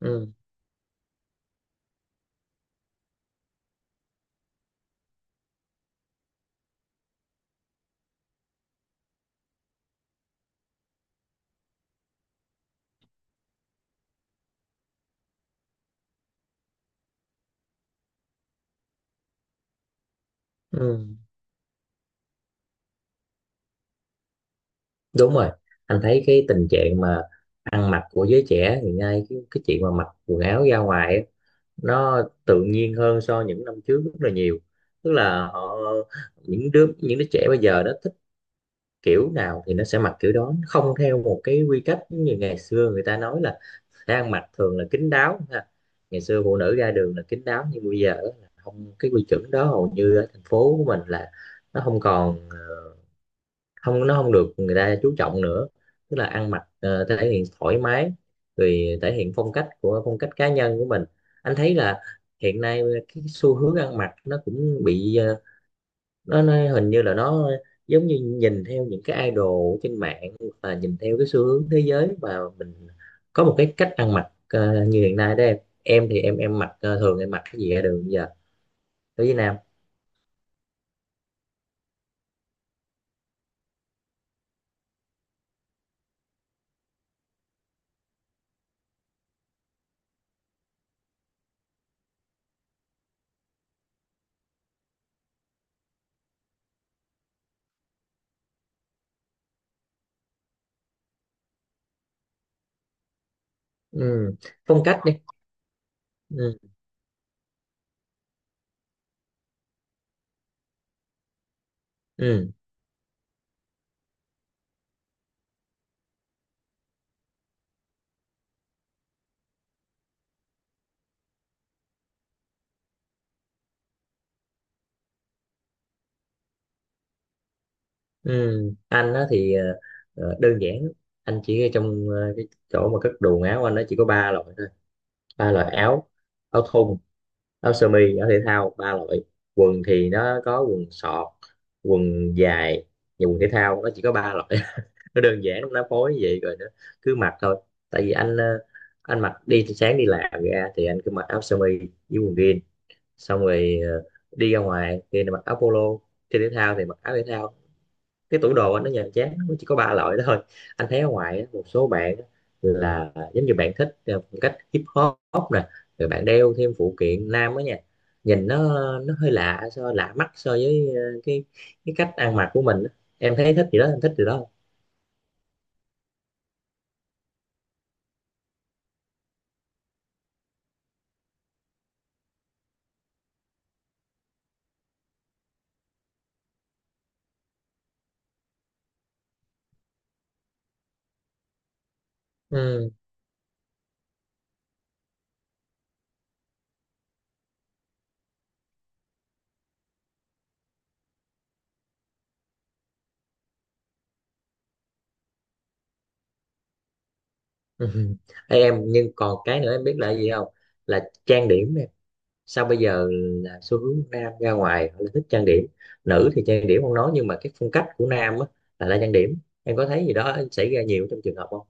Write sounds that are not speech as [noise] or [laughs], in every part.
Ừ, ừ. Đúng rồi, anh thấy cái tình trạng mà ăn mặc của giới trẻ hiện nay, cái chuyện mà mặc quần áo ra ngoài á, nó tự nhiên hơn so với những năm trước rất là nhiều. Tức là họ, những đứa trẻ bây giờ nó thích kiểu nào thì nó sẽ mặc kiểu đó, nó không theo một cái quy cách như ngày xưa. Người ta nói là sẽ ăn mặc thường là kín đáo ha. Ngày xưa phụ nữ ra đường là kín đáo, nhưng bây giờ á, là không, cái quy chuẩn đó hầu như ở thành phố của mình là nó không còn, ờ, không nó không được người ta chú trọng nữa. Tức là ăn mặc thể hiện thoải mái, rồi thể hiện phong cách cá nhân của mình. Anh thấy là hiện nay cái xu hướng ăn mặc nó cũng bị nó hình như là nó giống như nhìn theo những cái idol trên mạng và nhìn theo cái xu hướng thế giới, và mình có một cái cách ăn mặc như hiện nay đó em. Em thì thường em mặc cái gì ra đường bây giờ ở Việt Nam? Ừ. Phong cách đi. Ừ. Ừ. Ừ, anh á thì đơn giản lắm. Anh chỉ ở trong cái chỗ mà cất đồ áo anh, nó chỉ có ba loại thôi. Ba loại áo: áo thun, áo sơ mi, áo thể thao, ba loại. Quần thì nó có quần sọt, quần dài và quần thể thao, nó chỉ có ba loại. [laughs] Nó đơn giản lắm, nó phối vậy rồi nó cứ mặc thôi. Tại vì anh mặc đi sáng đi làm ra thì anh cứ mặc áo sơ mi với quần jean. Xong rồi đi ra ngoài thì mặc áo polo, chơi thể thao thì mặc áo thể thao. Cái tủ đồ anh nó nhàm chán, nó chỉ có ba loại đó thôi. Anh thấy ở ngoài á, một số bạn á, là giống như bạn thích phong cách hip hop nè, rồi bạn đeo thêm phụ kiện nam á nha. Nhìn nó hơi lạ, lạ mắt so với cái cách ăn mặc của mình á. Em thấy thích gì đó Em thích gì đó. Ừ. [laughs] Ê, em, nhưng còn cái nữa em biết là gì không? Là trang điểm. Sao bây giờ là xu hướng nam ra ngoài họ lại thích trang điểm? Nữ thì trang điểm không nói, nhưng mà cái phong cách của nam á là ra trang điểm. Em có thấy gì đó xảy ra nhiều trong trường hợp không?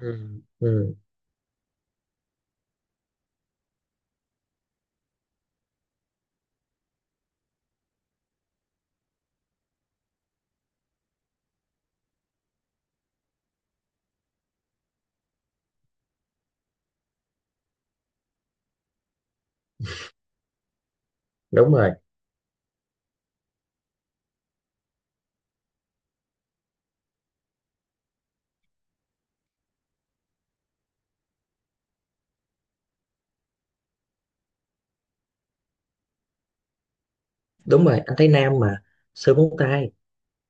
Ừ. Ừ, đúng rồi, đúng rồi, anh thấy nam mà sơn móng tay,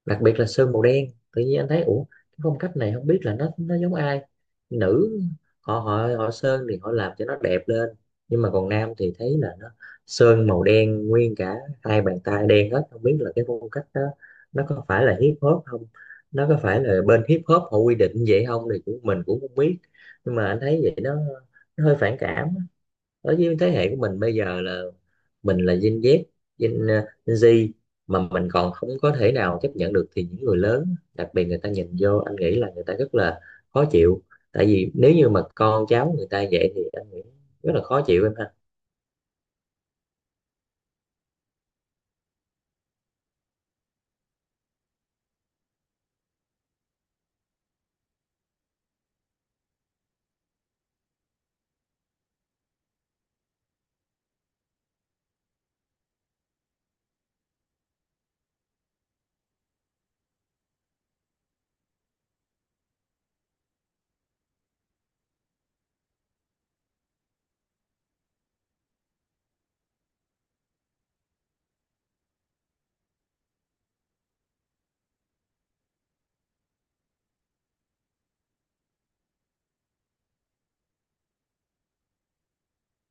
đặc biệt là sơn màu đen. Tự nhiên anh thấy, ủa, cái phong cách này không biết là nó giống ai. Nữ họ họ họ sơn thì họ làm cho nó đẹp lên, nhưng mà còn nam thì thấy là nó sơn màu đen nguyên cả hai bàn tay đen hết. Không biết là cái phong cách đó nó có phải là hip hop không, nó có phải là bên hip hop họ quy định vậy không, thì cũng mình cũng không biết. Nhưng mà anh thấy vậy nó hơi phản cảm á. Ở với thế hệ của mình bây giờ là mình là Gen Z, Gen ờ, Gen Z, mà mình còn không có thể nào chấp nhận được, thì những người lớn đặc biệt người ta nhìn vô, anh nghĩ là người ta rất là khó chịu. Tại vì nếu như mà con cháu người ta vậy thì anh nghĩ rất là khó chịu em ha.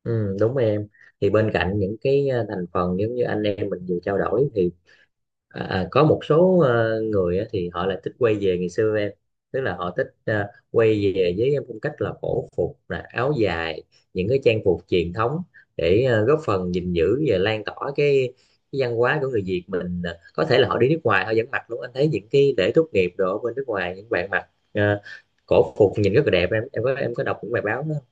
Ừ, đúng em. Thì bên cạnh những cái thành phần giống như anh em mình vừa trao đổi thì À, có một số người á, thì họ lại thích quay về ngày xưa em. Tức là họ thích quay về với phong cách là cổ phục, là áo dài, những cái trang phục truyền thống để góp phần gìn giữ và lan tỏa cái văn hóa của người Việt mình. Ờ, có thể là họ đi nước ngoài họ vẫn mặc luôn. Anh thấy những cái lễ tốt nghiệp đồ ở bên nước ngoài, những bạn mặc cổ phục nhìn rất là đẹp. Em có đọc những bài báo đó không?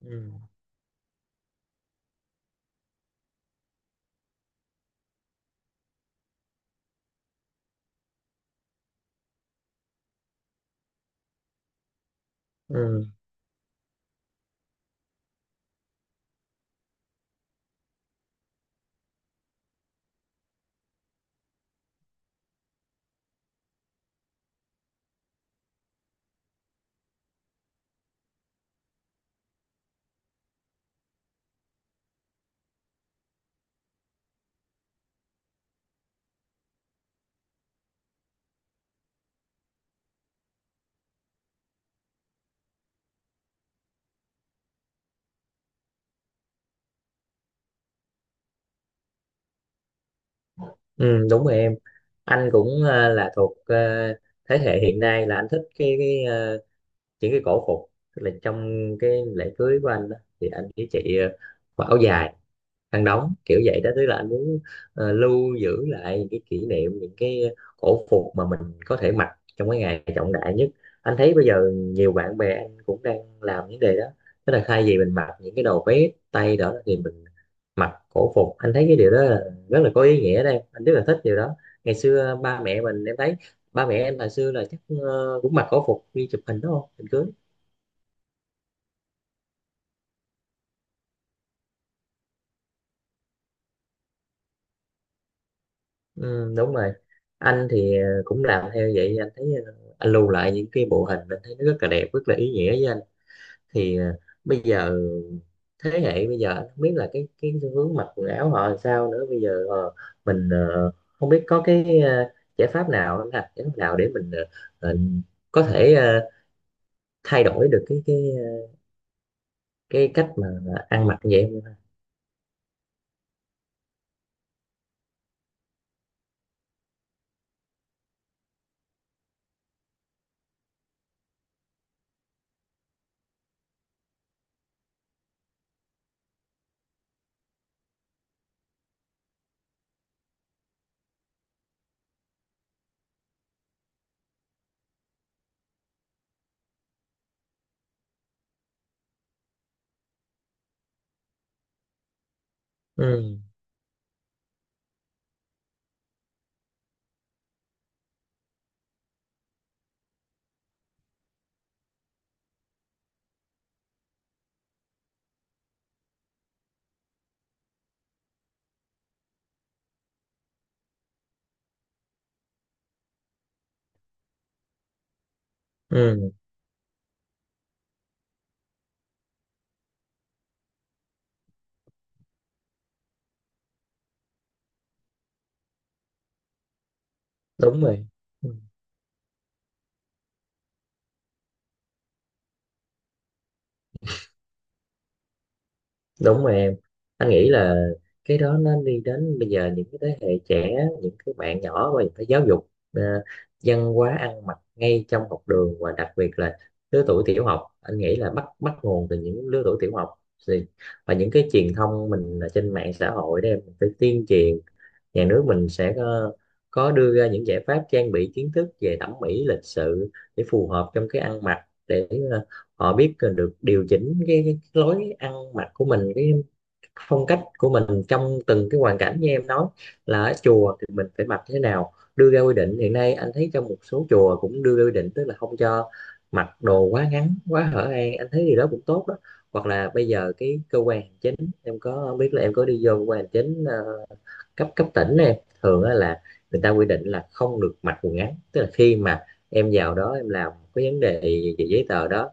Ừ. Ừ, ừ, đúng rồi em, anh cũng là thuộc thế hệ hiện nay là anh thích những cái cổ phục. Tức là trong cái lễ cưới của anh đó, thì anh với chị mặc áo dài, khăn đóng kiểu vậy đó. Tức là anh muốn lưu giữ lại những cái kỷ niệm, những cái cổ phục mà mình có thể mặc trong cái ngày trọng đại nhất. Anh thấy bây giờ nhiều bạn bè anh cũng đang làm vấn đề đó, tức là thay vì mình mặc những cái đồ vest tay đó thì mình mặc cổ phục. Anh thấy cái điều đó là rất là có ý nghĩa, đây anh rất là thích điều đó. Ngày xưa ba mẹ mình, em thấy ba mẹ em hồi xưa là chắc cũng mặc cổ phục đi chụp hình đúng không, hình cưới? Ừ, đúng rồi. Anh thì cũng làm theo vậy. Anh thấy anh lưu lại những cái bộ hình, anh thấy nó rất là đẹp, rất là ý nghĩa với anh. Thì bây giờ thế hệ bây giờ anh không biết là cái xu hướng mặc quần áo họ làm sao nữa bây giờ. Ờ, mình không biết có cái giải pháp nào anh ha, giải pháp nào để mình ờ, có thể thay đổi được cái cách mà ăn mặc như vậy không? Ừ, ừ, đúng rồi. Ừ. Đúng rồi em, anh nghĩ là cái đó nó đi đến bây giờ những cái thế hệ trẻ, những cái bạn nhỏ, và phải giáo dục văn hóa ăn mặc ngay trong học đường, và đặc biệt là lứa tuổi tiểu học. Anh nghĩ là bắt bắt nguồn từ những lứa tuổi tiểu học. Thì và những cái truyền thông mình ở trên mạng xã hội đó em, mình phải tuyên truyền. Nhà nước mình sẽ có đưa ra những giải pháp trang bị kiến thức về thẩm mỹ, lịch sự để phù hợp trong cái ăn mặc, để họ biết được điều chỉnh cái lối ăn mặc của mình, cái phong cách của mình trong từng cái hoàn cảnh. Như em nói là ở chùa thì mình phải mặc thế nào, đưa ra quy định. Hiện nay anh thấy trong một số chùa cũng đưa ra quy định, tức là không cho mặc đồ quá ngắn, quá hở hang, anh thấy điều đó cũng tốt đó. Hoặc là bây giờ cái cơ quan hành chính, em có không biết là em có đi vô cơ quan hành chính cấp cấp tỉnh này, thường là người ta quy định là không được mặc quần ngắn. Tức là khi mà em vào đó em làm cái vấn đề về giấy tờ đó,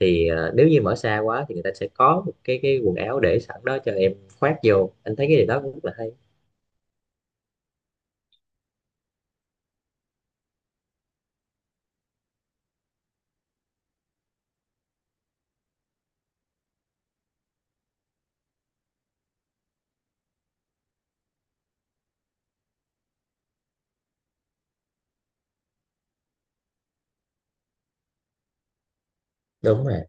thì nếu như mở xa quá thì người ta sẽ có một cái quần áo để sẵn đó cho em khoác vô, anh thấy cái điều đó cũng rất là hay. Đúng rồi.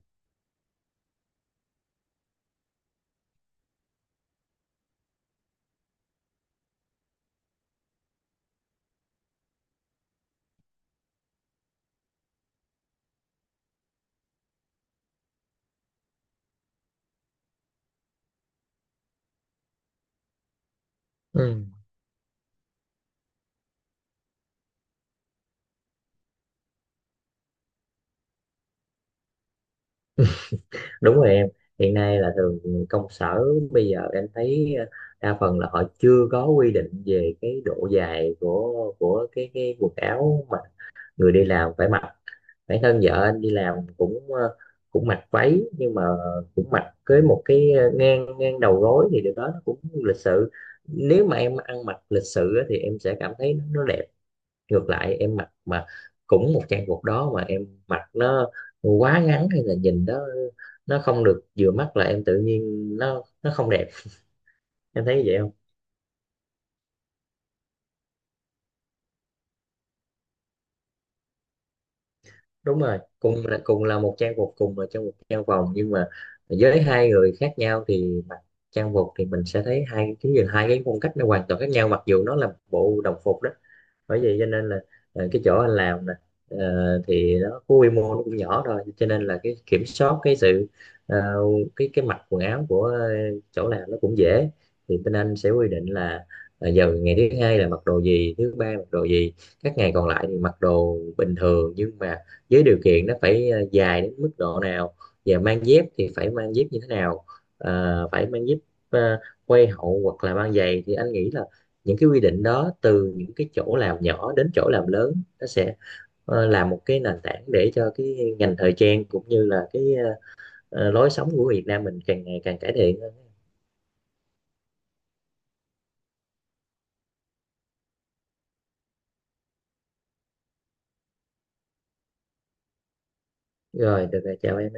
Ừ. Đúng rồi em, hiện nay là thường công sở bây giờ em thấy đa phần là họ chưa có quy định về cái độ dài của cái quần áo mà người đi làm phải mặc. Bản thân vợ anh đi làm cũng cũng mặc váy, nhưng mà cũng mặc cưới một cái ngang ngang đầu gối, thì điều đó nó cũng lịch sự. Nếu mà em ăn mặc lịch sự á, thì em sẽ cảm thấy nó, đẹp. Ngược lại em mặc mà cũng một trang phục đó, mà em mặc nó quá ngắn hay là nhìn đó nó không được vừa mắt, là em tự nhiên nó không đẹp. Em thấy vậy không? Đúng rồi, cùng là một trang phục, cùng là trong một trang vòng, nhưng mà với hai người khác nhau thì mặc trang phục thì mình sẽ thấy hai cái nhìn, hai cái phong cách nó hoàn toàn khác nhau, mặc dù nó là bộ đồng phục đó. Bởi vậy cho nên là cái chỗ anh làm nè, thì nó có quy mô nó cũng nhỏ thôi, cho nên là cái kiểm soát cái sự ờ, cái mặc quần áo của chỗ làm nó cũng dễ. Thì bên anh sẽ quy định là giờ ngày thứ hai là mặc đồ gì, thứ ba mặc đồ gì, các ngày còn lại thì mặc đồ bình thường, nhưng mà với điều kiện nó phải dài đến mức độ nào, và mang dép thì phải mang dép như thế nào. Ờ, phải mang dép ờ, quay hậu hoặc là mang giày. Thì anh nghĩ là những cái quy định đó từ những cái chỗ làm nhỏ đến chỗ làm lớn, nó sẽ là một cái nền tảng để cho cái ngành thời trang cũng như là cái lối sống của Việt Nam mình càng ngày càng cải thiện hơn. Rồi, được rồi, chào em.